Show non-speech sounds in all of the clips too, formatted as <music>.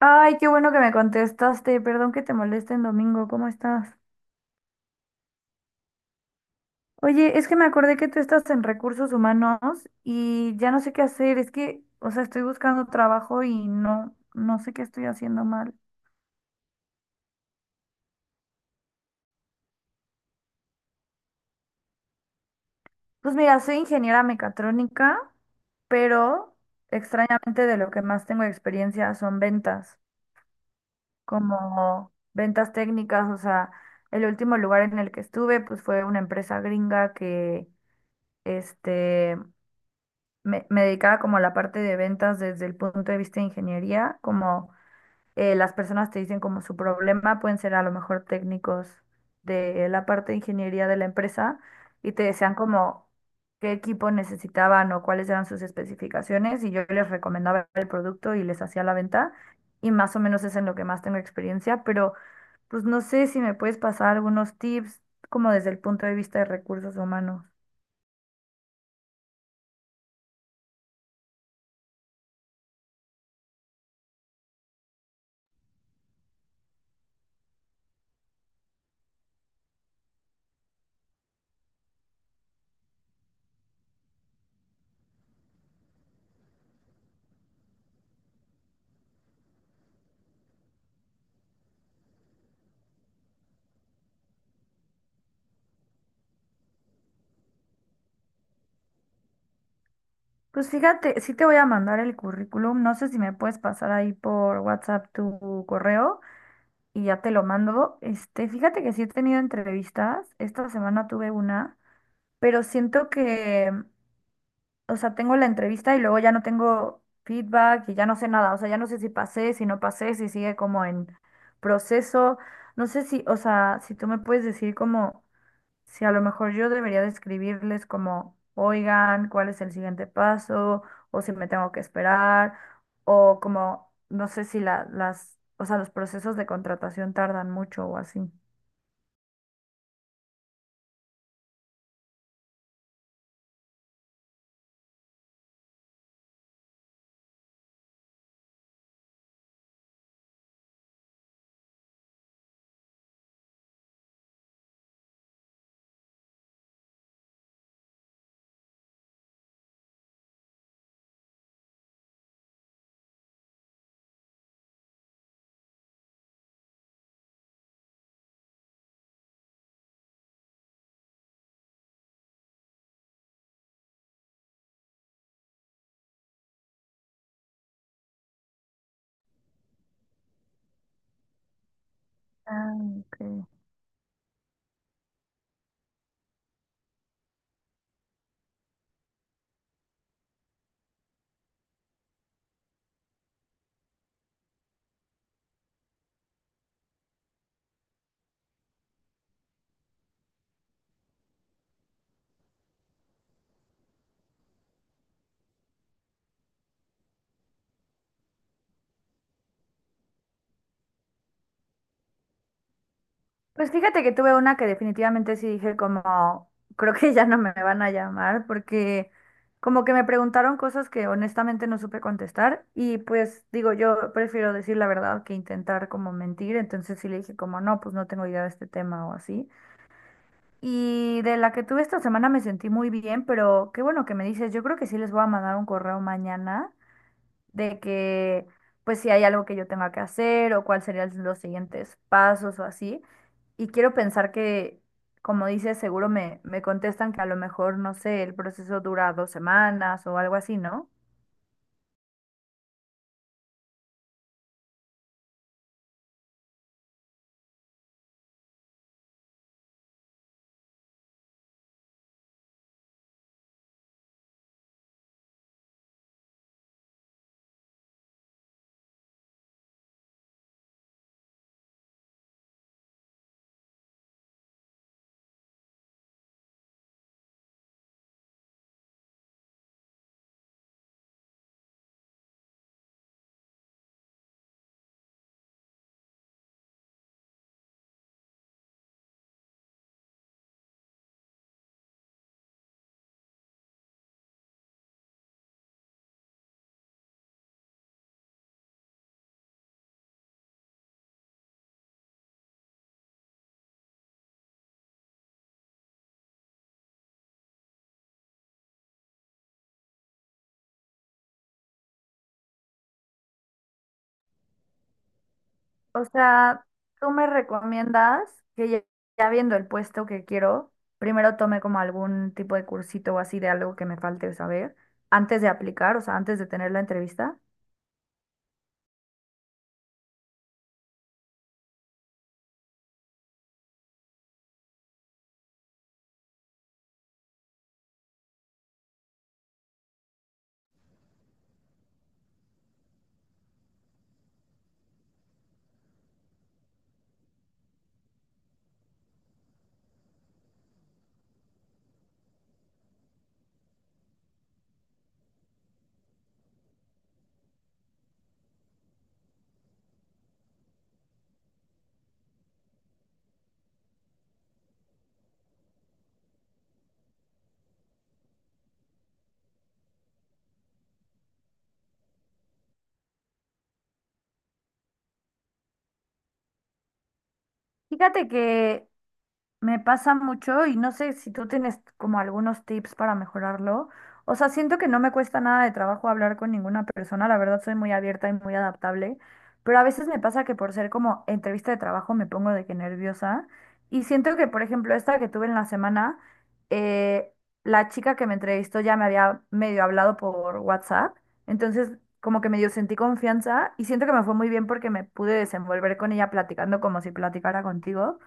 Ay, qué bueno que me contestaste. Perdón que te moleste en domingo. ¿Cómo estás? Oye, es que me acordé que tú estás en recursos humanos y ya no sé qué hacer. Es que, o sea, estoy buscando trabajo y no sé qué estoy haciendo mal. Pues mira, soy ingeniera mecatrónica, pero extrañamente de lo que más tengo experiencia son ventas, como ventas técnicas. O sea, el último lugar en el que estuve, pues fue una empresa gringa que, este me dedicaba como a la parte de ventas desde el punto de vista de ingeniería, como las personas te dicen como su problema, pueden ser a lo mejor técnicos de la parte de ingeniería de la empresa y te decían como qué equipo necesitaban o cuáles eran sus especificaciones y yo les recomendaba el producto y les hacía la venta y más o menos es en lo que más tengo experiencia, pero pues no sé si me puedes pasar algunos tips como desde el punto de vista de recursos humanos. Pues fíjate, sí te voy a mandar el currículum. No sé si me puedes pasar ahí por WhatsApp tu correo y ya te lo mando. Este, fíjate que sí he tenido entrevistas. Esta semana tuve una, pero siento que, o sea, tengo la entrevista y luego ya no tengo feedback y ya no sé nada. O sea, ya no sé si pasé, si no pasé, si sigue como en proceso. No sé si, o sea, si tú me puedes decir como si a lo mejor yo debería describirles como, oigan, cuál es el siguiente paso, o si me tengo que esperar, o como, no sé si las, o sea, los procesos de contratación tardan mucho o así. Ah, ok. Pues fíjate que tuve una que definitivamente sí dije como, <laughs> creo que ya no me van a llamar porque como que me preguntaron cosas que honestamente no supe contestar y pues digo, yo prefiero decir la verdad que intentar como mentir, entonces sí le dije como, no, pues no tengo idea de este tema o así. Y de la que tuve esta semana me sentí muy bien, pero qué bueno que me dices, yo creo que sí les voy a mandar un correo mañana de que pues si hay algo que yo tenga que hacer o cuáles serían los siguientes pasos o así. Y quiero pensar que, como dices, seguro me contestan que a lo mejor, no sé, el proceso dura 2 semanas o algo así, ¿no? O sea, tú me recomiendas que ya viendo el puesto que quiero, primero tome como algún tipo de cursito o así de algo que me falte saber antes de aplicar, o sea, antes de tener la entrevista. Fíjate que Me pasa mucho y no sé si tú tienes como algunos tips para mejorarlo. O sea, siento que no me cuesta nada de trabajo hablar con ninguna persona. La verdad soy muy abierta y muy adaptable. Pero a veces me pasa que por ser como entrevista de trabajo me pongo de que nerviosa. Y siento que, por ejemplo, esta que tuve en la semana, eh, la chica que me entrevistó ya me había medio hablado por WhatsApp. Entonces, como que medio sentí confianza y siento que me fue muy bien porque me pude desenvolver con ella platicando como si platicara contigo.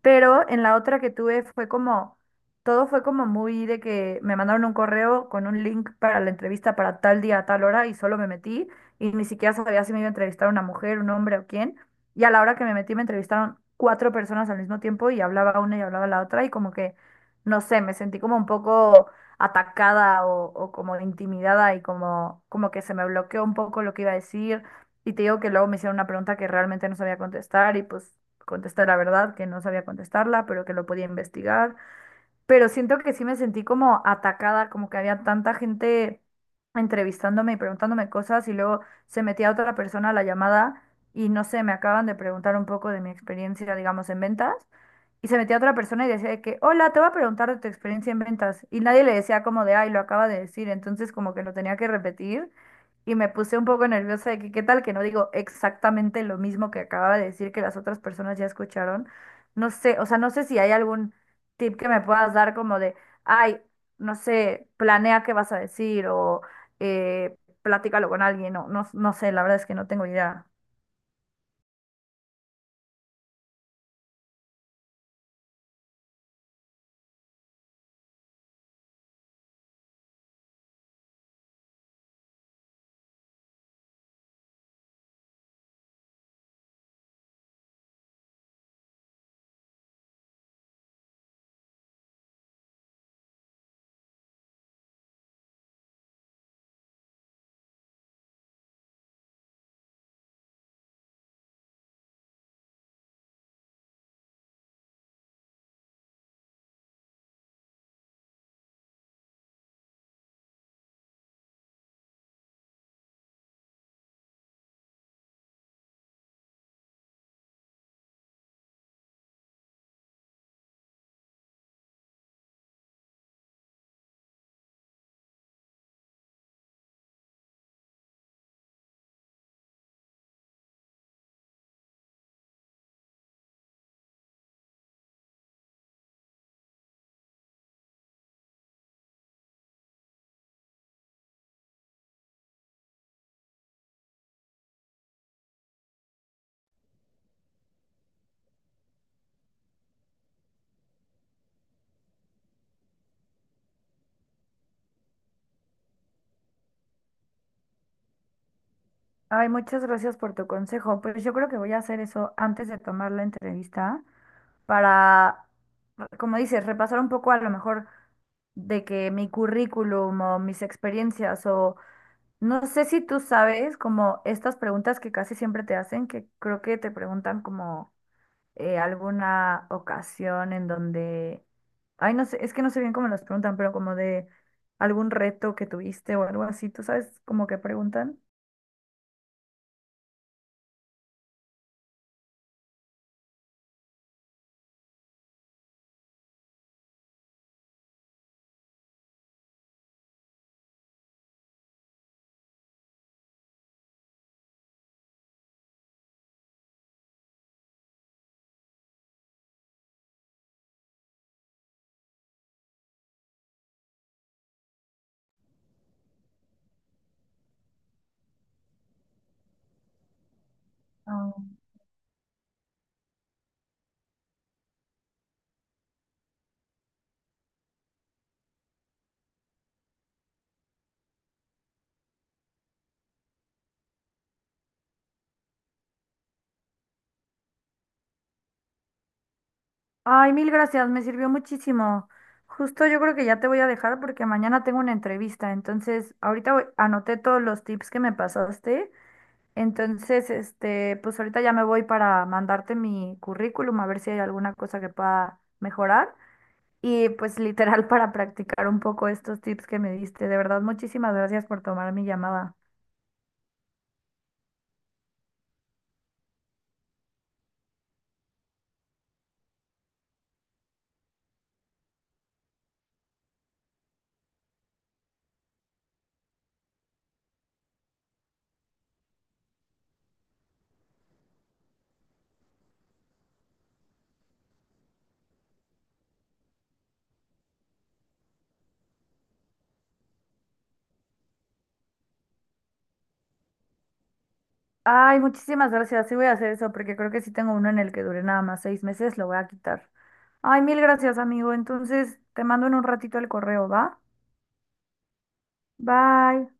Pero en la otra que tuve fue como, todo fue como muy de que me mandaron un correo con un link para la entrevista para tal día, a tal hora y solo me metí y ni siquiera sabía si me iba a entrevistar una mujer, un hombre o quién. Y a la hora que me metí me entrevistaron 4 personas al mismo tiempo y hablaba una y hablaba la otra y como que, no sé, me sentí como un poco atacada o como intimidada y como, como que se me bloqueó un poco lo que iba a decir. Y te digo que luego me hicieron una pregunta que realmente no sabía contestar y pues contesté la verdad, que no sabía contestarla, pero que lo podía investigar, pero siento que sí me sentí como atacada, como que había tanta gente entrevistándome y preguntándome cosas y luego se metía otra persona a la llamada y no sé, me acaban de preguntar un poco de mi experiencia, digamos, en ventas y se metía otra persona y decía de que, hola, te voy a preguntar de tu experiencia en ventas y nadie le decía como de, ay, lo acaba de decir, entonces como que lo tenía que repetir. Y me puse un poco nerviosa de que qué tal que no digo exactamente lo mismo que acababa de decir que las otras personas ya escucharon. No sé, o sea, no sé si hay algún tip que me puedas dar como de, ay, no sé, planea qué vas a decir o eh, platícalo con alguien o no, no sé, la verdad es que no tengo idea. Ay, muchas gracias por tu consejo. Pues yo creo que voy a hacer eso antes de tomar la entrevista para, como dices, repasar un poco a lo mejor de que mi currículum o mis experiencias o no sé si tú sabes como estas preguntas que casi siempre te hacen, que creo que te preguntan como alguna ocasión en donde, ay, no sé, es que no sé bien cómo las preguntan, pero como de algún reto que tuviste o algo así, ¿tú sabes como que preguntan? Ah. Ay, mil gracias, me sirvió muchísimo. Justo yo creo que ya te voy a dejar porque mañana tengo una entrevista, entonces ahorita anoté todos los tips que me pasaste, entonces este, pues ahorita ya me voy para mandarte mi currículum a ver si hay alguna cosa que pueda mejorar. Y pues literal para practicar un poco estos tips que me diste. De verdad, muchísimas gracias por tomar mi llamada. Ay, muchísimas gracias. Sí voy a hacer eso porque creo que sí tengo uno en el que dure nada más 6 meses. Lo voy a quitar. Ay, mil gracias, amigo. Entonces, te mando en un ratito el correo, ¿va? Bye.